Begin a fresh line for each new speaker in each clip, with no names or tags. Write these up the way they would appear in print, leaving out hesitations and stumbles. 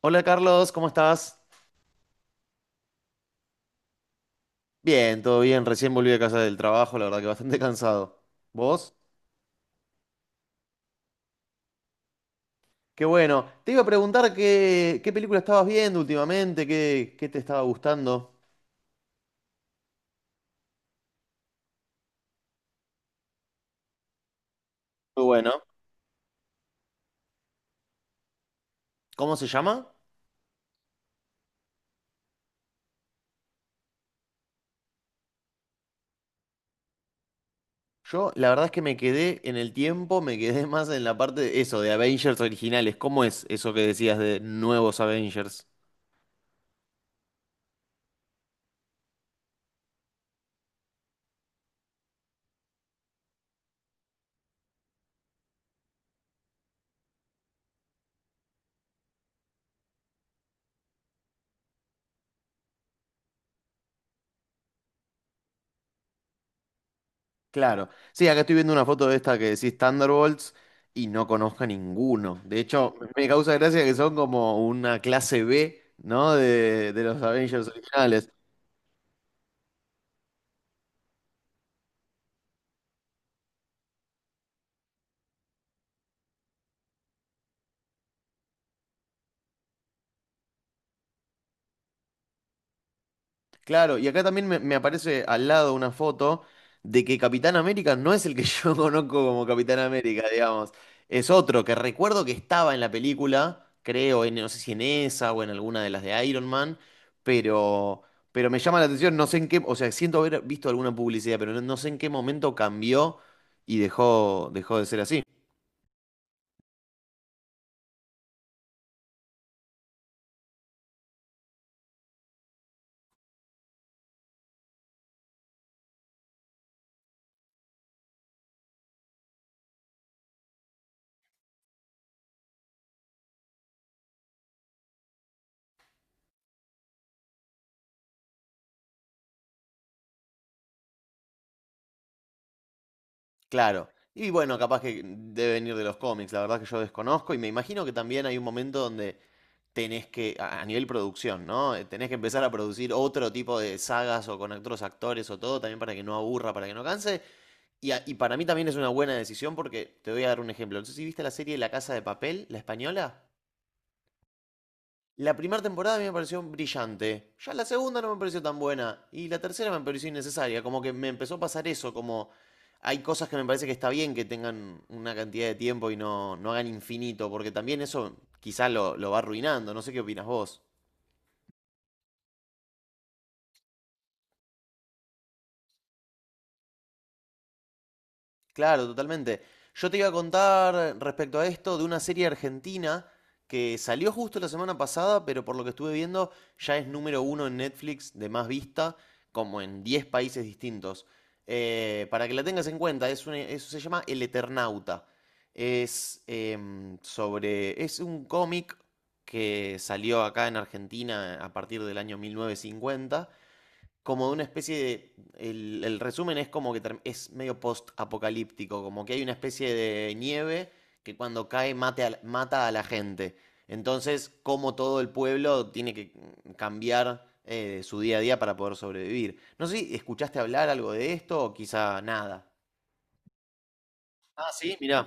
Hola Carlos, ¿cómo estás? Bien, todo bien, recién volví a casa del trabajo, la verdad que bastante cansado. ¿Vos? Qué bueno. Te iba a preguntar qué película estabas viendo últimamente, qué te estaba gustando. Muy bueno. ¿Cómo se llama? Yo, la verdad es que me quedé en el tiempo, me quedé más en la parte de eso, de Avengers originales. ¿Cómo es eso que decías de nuevos Avengers? Claro. Sí, acá estoy viendo una foto de esta que decís Thunderbolts y no conozco a ninguno. De hecho, me causa gracia que son como una clase B, ¿no? De los Avengers originales. Claro, y acá también me aparece al lado una foto de que Capitán América no es el que yo conozco como Capitán América, digamos. Es otro que recuerdo que estaba en la película, creo, no sé si en esa o en alguna de las de Iron Man, pero, pero me llama la atención, no sé en qué, o sea, siento haber visto alguna publicidad, pero no, no sé en qué momento cambió y dejó, dejó de ser así. Claro. Y bueno, capaz que debe venir de los cómics, la verdad que yo desconozco y me imagino que también hay un momento donde tenés que, a nivel producción, ¿no? Tenés que empezar a producir otro tipo de sagas o con otros actores o todo, también para que no aburra, para que no canse. Y para mí también es una buena decisión porque te voy a dar un ejemplo. No sé si viste la serie La Casa de Papel, la española. La primera temporada a mí me pareció brillante. Ya la segunda no me pareció tan buena. Y la tercera me pareció innecesaria. Como que me empezó a pasar eso. Como hay cosas que me parece que está bien que tengan una cantidad de tiempo y no, no hagan infinito. Porque también eso quizás lo va arruinando. No sé qué opinas vos. Claro, totalmente. Yo te iba a contar respecto a esto de una serie argentina que salió justo la semana pasada, pero por lo que estuve viendo ya es número uno en Netflix de más vista, como en 10 países distintos. Para que la tengas en cuenta, eso se llama El Eternauta. Es un cómic que salió acá en Argentina a partir del año 1950 como de una especie de. El resumen es como que es medio post-apocalíptico, como que hay una especie de nieve que cuando cae mata a la gente. Entonces, como todo el pueblo tiene que cambiar su día a día para poder sobrevivir. No sé si escuchaste hablar algo de esto o quizá nada. Ah, sí, mirá.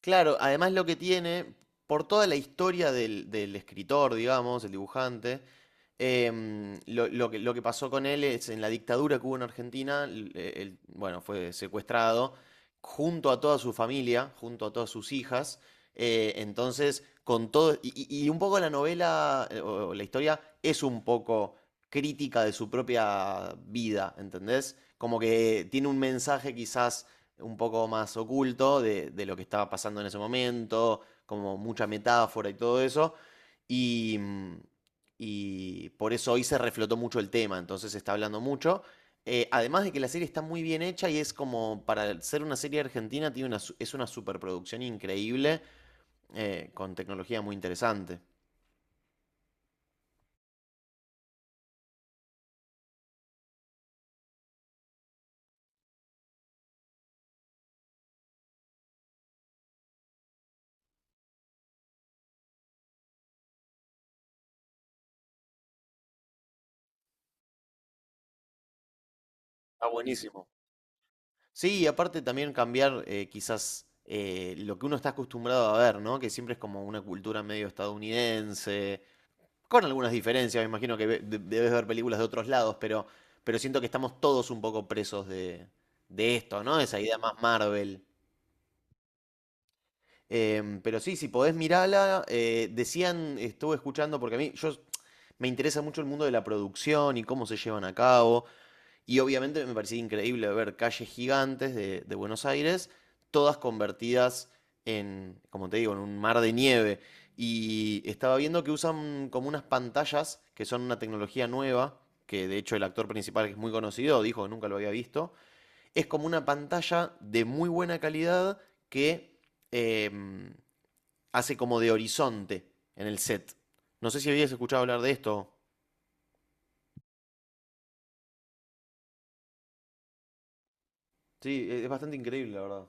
Claro, además lo que tiene, por toda la historia del escritor, digamos, el dibujante, lo que pasó con él es en la dictadura que hubo en Argentina, él, bueno, fue secuestrado junto a toda su familia, junto a todas sus hijas, entonces con todo, y un poco la novela o la historia es un poco crítica de su propia vida, ¿entendés? Como que tiene un mensaje quizás un poco más oculto de lo que estaba pasando en ese momento, como mucha metáfora y todo eso. Y, mm, y por eso hoy se reflotó mucho el tema, entonces se está hablando mucho. Además de que la serie está muy bien hecha y es como para ser una serie argentina, es una superproducción increíble con tecnología muy interesante. Está buenísimo. Sí, y aparte también cambiar quizás lo que uno está acostumbrado a ver, ¿no? Que siempre es como una cultura medio estadounidense, con algunas diferencias, me imagino que debes ver películas de otros lados, pero siento que estamos todos un poco presos de esto, ¿no? Esa idea más Marvel. Pero sí, si podés mirarla, decían, estuve escuchando, porque a mí yo, me interesa mucho el mundo de la producción y cómo se llevan a cabo. Y obviamente me parecía increíble ver calles gigantes de Buenos Aires, todas convertidas en, como te digo, en un mar de nieve. Y estaba viendo que usan como unas pantallas que son una tecnología nueva, que de hecho el actor principal, que es muy conocido, dijo que nunca lo había visto. Es como una pantalla de muy buena calidad que em, hace como de horizonte en el set. No sé si habías escuchado hablar de esto. Sí, es bastante increíble, la verdad.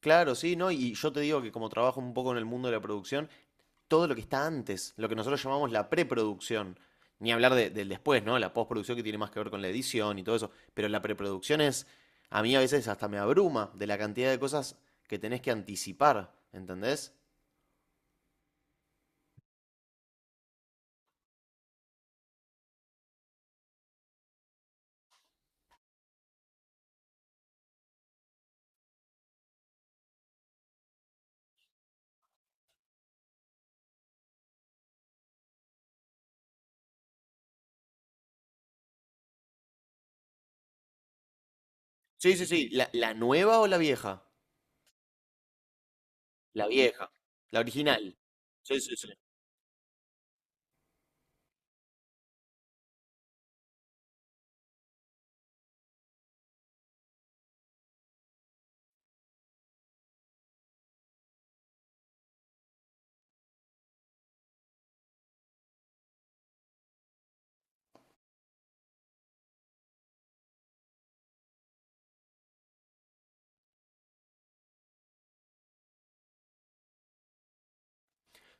Claro, sí, ¿no? Y yo te digo que como trabajo un poco en el mundo de la producción, todo lo que está antes, lo que nosotros llamamos la preproducción, ni hablar del después, ¿no? La postproducción que tiene más que ver con la edición y todo eso, pero la preproducción es, a mí a veces hasta me abruma de la cantidad de cosas que tenés que anticipar, ¿entendés? Sí, sí, sí, ¿la nueva o la vieja? La vieja, la original. Sí, sí, sí.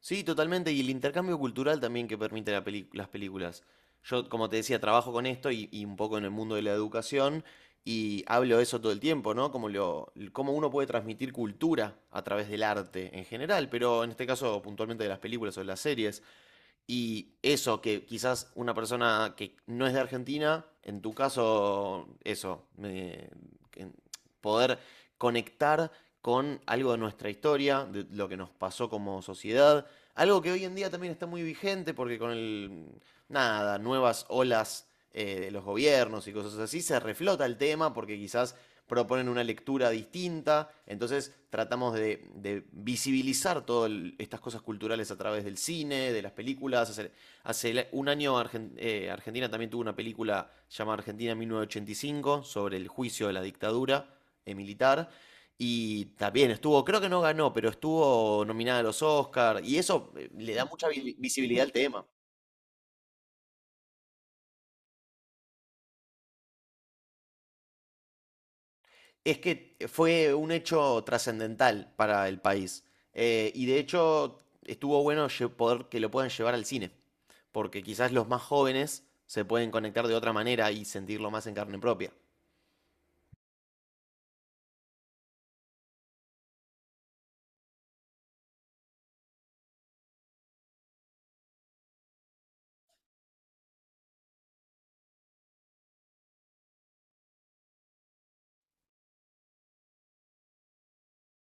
Sí, totalmente. Y el intercambio cultural también que permite las películas. Yo, como te decía, trabajo con esto y un poco en el mundo de la educación y hablo de eso todo el tiempo, ¿no? Cómo uno puede transmitir cultura a través del arte en general, pero en este caso puntualmente de las películas o de las series. Y eso, que quizás una persona que no es de Argentina, en tu caso, eso, en- poder conectar con algo de nuestra historia, de lo que nos pasó como sociedad, algo que hoy en día también está muy vigente porque con el, nada, nuevas olas de los gobiernos y cosas así, se reflota el tema porque quizás proponen una lectura distinta. Entonces tratamos de visibilizar todas estas cosas culturales a través del cine, de las películas. Hace un año Argentina también tuvo una película llamada Argentina 1985 sobre el juicio de la dictadura militar. Y también estuvo, creo que no ganó, pero estuvo nominada a los Oscars. Y eso le da mucha visibilidad al tema. Es que fue un hecho trascendental para el país. Y de hecho, estuvo bueno poder que lo puedan llevar al cine. Porque quizás los más jóvenes se pueden conectar de otra manera y sentirlo más en carne propia.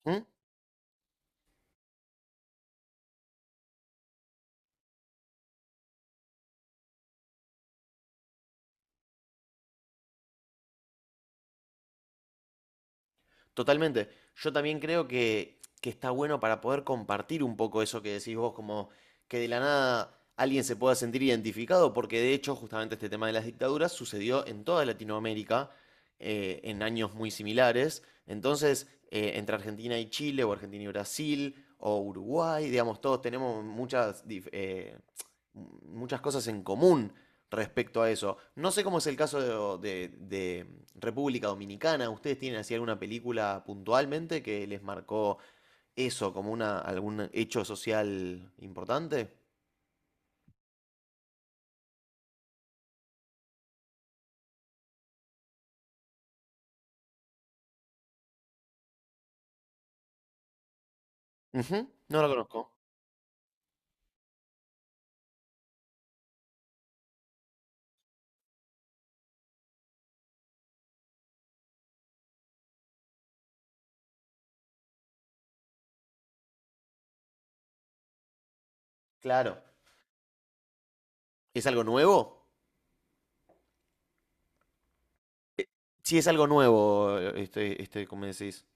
¿Mm? Totalmente. Yo también creo que está bueno para poder compartir un poco eso que decís vos, como que de la nada alguien se pueda sentir identificado, porque de hecho justamente este tema de las dictaduras sucedió en toda Latinoamérica en años muy similares. Entonces, entre Argentina y Chile, o Argentina y Brasil, o Uruguay, digamos, todos tenemos muchas cosas en común respecto a eso. No sé cómo es el caso de República Dominicana. ¿Ustedes tienen así alguna película puntualmente que les marcó eso como algún hecho social importante? Ujú, no lo conozco. Claro. ¿Es algo nuevo? Sí, es algo nuevo, como decís.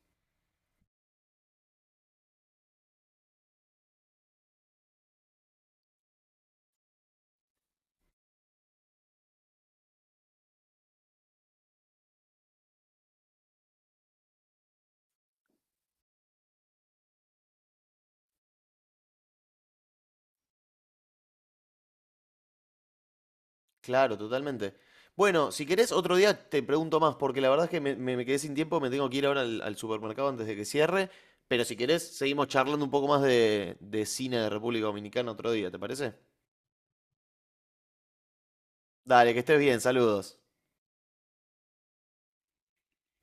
Claro, totalmente. Bueno, si querés, otro día te pregunto más, porque la verdad es que me quedé sin tiempo, me tengo que ir ahora al supermercado antes de que cierre, pero si querés, seguimos charlando un poco más de cine de República Dominicana otro día, ¿te parece? Dale, que estés bien, saludos.